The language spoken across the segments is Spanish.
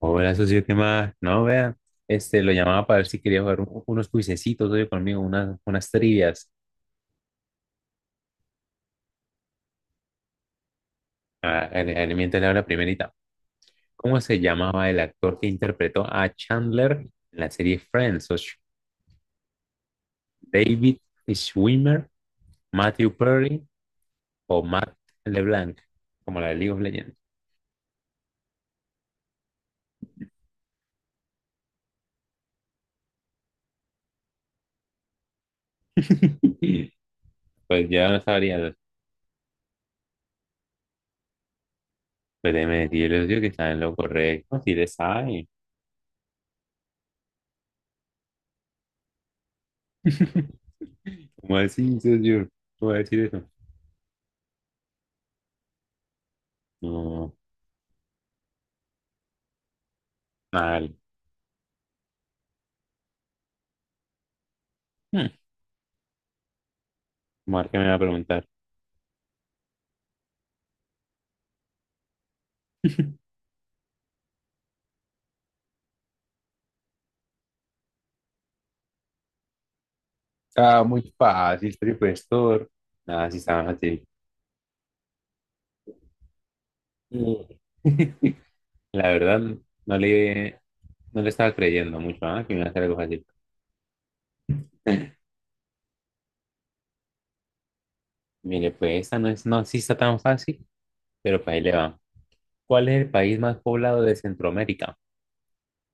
Hola, socio, ¿qué más? No, vea, lo llamaba para ver si quería jugar unos cuisecitos hoy conmigo, unas trivias. Ah, mientras le hablo la primerita. ¿Cómo se llamaba el actor que interpretó a Chandler en la serie Friends, socio? ¿David Schwimmer, Matthew Perry o Matt LeBlanc? Como la de League of Legends. Pues ya no sabría. Pues déjeme decirle, socio, que está en lo correcto, si le sabe. ¿Cómo así, socio? ¿Cómo va a decir eso? No, mal. Hmm, Omar, ¿qué me va a preguntar? Ah, muy fácil, precursor. Nada, sí estaba fácil. Sí. La verdad, no le, no le estaba creyendo mucho, ¿ah? Que me iba a hacer algo fácil. Mire, pues esta no es, no, sí está tan fácil, pero pues ahí le va. ¿Cuál es el país más poblado de Centroamérica?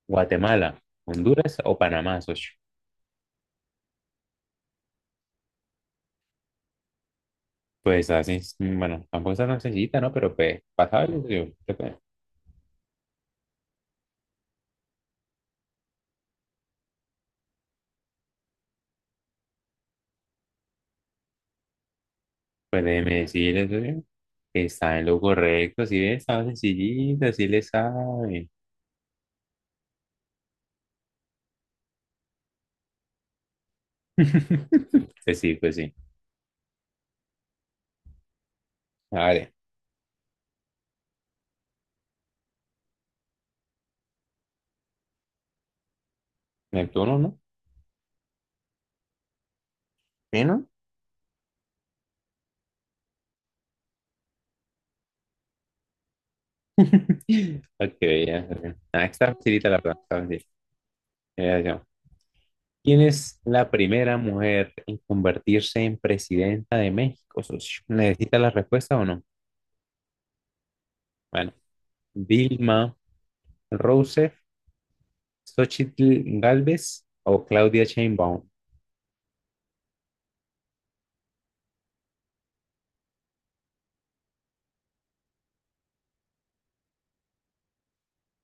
¿Guatemala, Honduras o Panamá, socio? Pues así, es, mm, bueno, tampoco está tan sencillita, ¿no? Pero pues, pasable, socio. Pues déjeme decirle, socio, que está en lo correcto, si ve, estaba sencillito, si le sabe. Pues sí, pues sí. Vale, Neptuno, ¿no? ¿Sí, no? Ok, ya, socio. Ah, está facilita la verdad, está fácil. Mira, socio, ¿quién es la primera mujer en convertirse en presidenta de México, socio? ¿Necesita la respuesta o no? Bueno, Dilma Rousseff, Xochitl Galvez o Claudia Sheinbaum.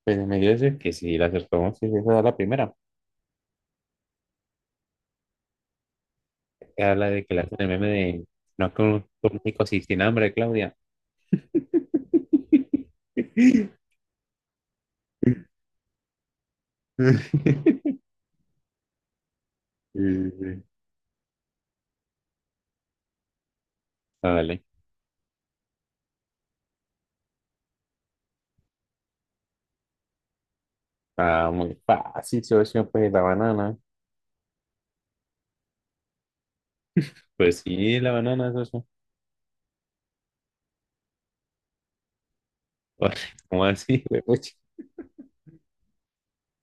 Pues me dio que sí, la acertó, sí, esa es la primera. Que habla de que le hacen el meme de no es que un rico sin hambre, Claudia. Vale. Ah, muy fácil, socio, pues la banana. Pues sí, la banana, socio. Oye, ¿cómo así, güey? Pucha.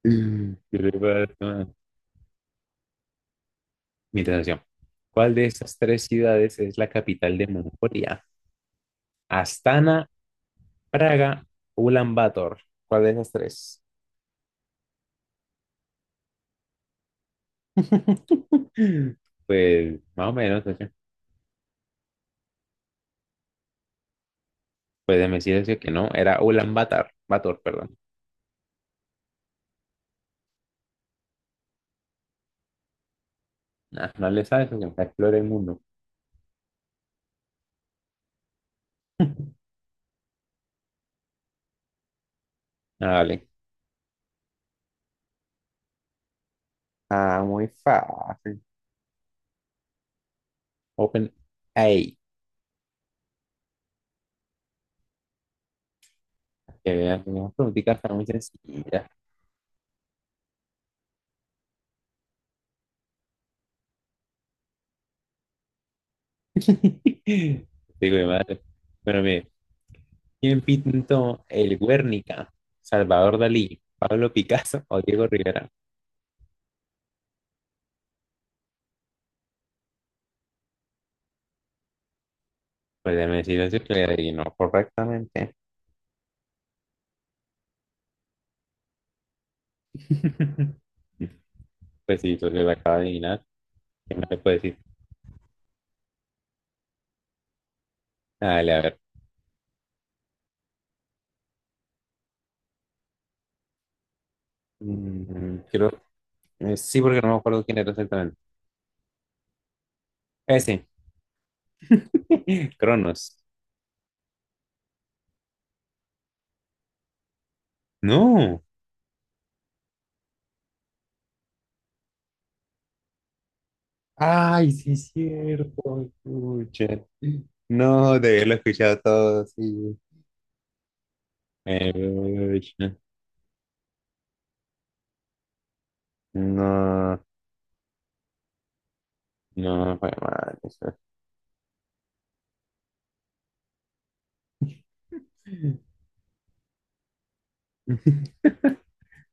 ¿Qué le pasa? Mira, socio, ¿cuál de estas tres ciudades es la capital de Mongolia? Astana, Praga, Ulan Bator. ¿Cuál de esas tres? Pues más o menos. Pueden decir que no, era Ulaanbaatar, Bator, Bator, perdón. Nah, no le sabes porque me explora el mundo. Ah, vale. Ah, muy fácil. Open AI. Que vean, tenemos preguntitas, están muy sencillas. Digo de madre. Bueno, mire, ¿quién pintó el Guernica? ¿Salvador Dalí, Pablo Picasso o Diego Rivera? Pues déjeme decirle eso, que le adivinó correctamente. Pues sí, entonces lo acaba de adivinar. ¿Qué más le puedo decir? Dale, a ver. Mm, Quiero Sí, porque no me acuerdo quién era exactamente. Ese, Cronos. No. Ay, sí, es cierto. Pucha. No, debí haberlo escuchado todo, sí. Eh, Pucha. No, no, fue mal eso.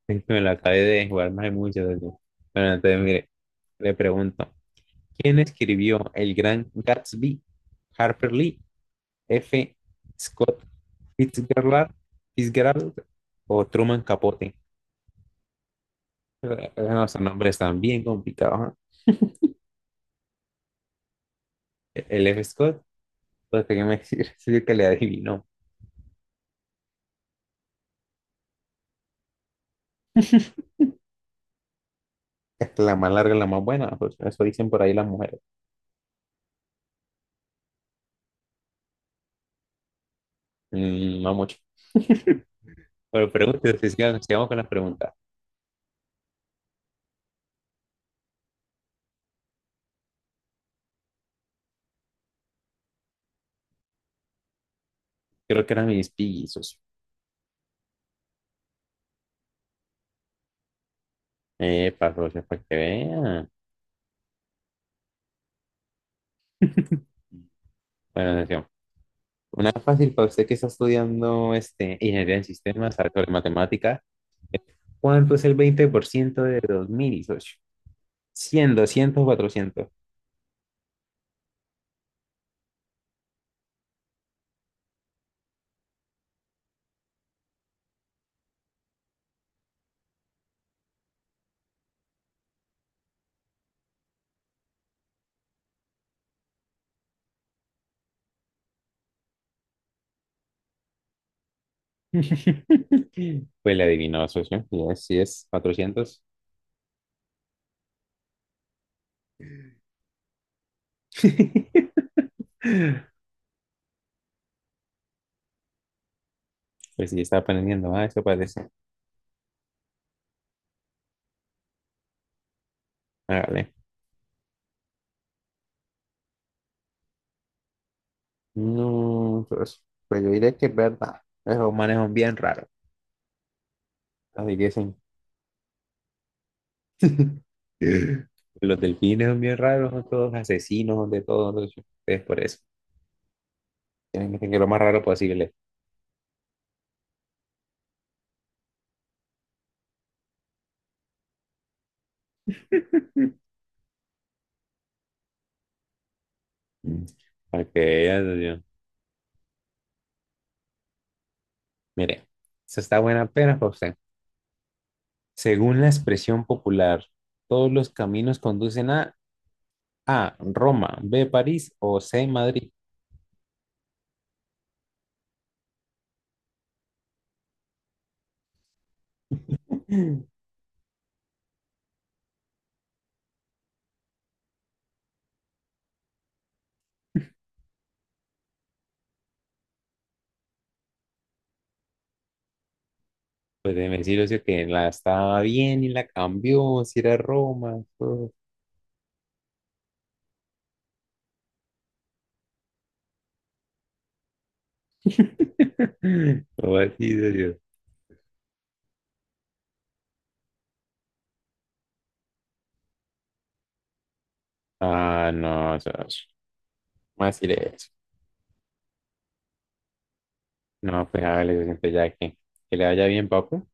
Es que me lo acabé de jugar más de mucho de eso. Bueno, entonces, mire, le pregunto, ¿quién escribió El Gran Gatsby? ¿Harper Lee, F. Scott Fitzgerald, Fitzgerald o Truman Capote? No, son nombres tan bien complicados. ¿Eh? El F. Scott, pues déjeme decir, es el que le adivinó. Es que la más larga es la más buena, pues, eso dicen por ahí las mujeres. Mm, no mucho. Pero pregúntese, sigamos, sigamos con las preguntas. Creo que eran mis pillizos. Socio, para que vean. Bueno, socio, una fácil para usted que está estudiando ingeniería en sistemas, arte de matemática. ¿Cuánto es el 20% de 2000, socio? 100, 200, 400. Pues le adivinó, socio. Sí es, 400. Pues sí, está aprendiendo más, eso parece. Hágale. No, pues, pues yo diré que es verdad. Esos manes son bien raros. Así que son. Los delfines son bien raros, son todos asesinos, son de todos. Es por eso. Tienen que ser lo más raro posible. Para que veas, mire, esta está buena pena para usted. Según la expresión popular, todos los caminos conducen a A, Roma, B, París o C, Madrid. Pues déjeme decirle, socio, que la estaba bien y la cambió, si era Roma, todo. ¿Cómo así, socio? Ah, no, socio. ¿Cómo así le...? No, pues hágale, socio, pues ya que le vaya bien, papu.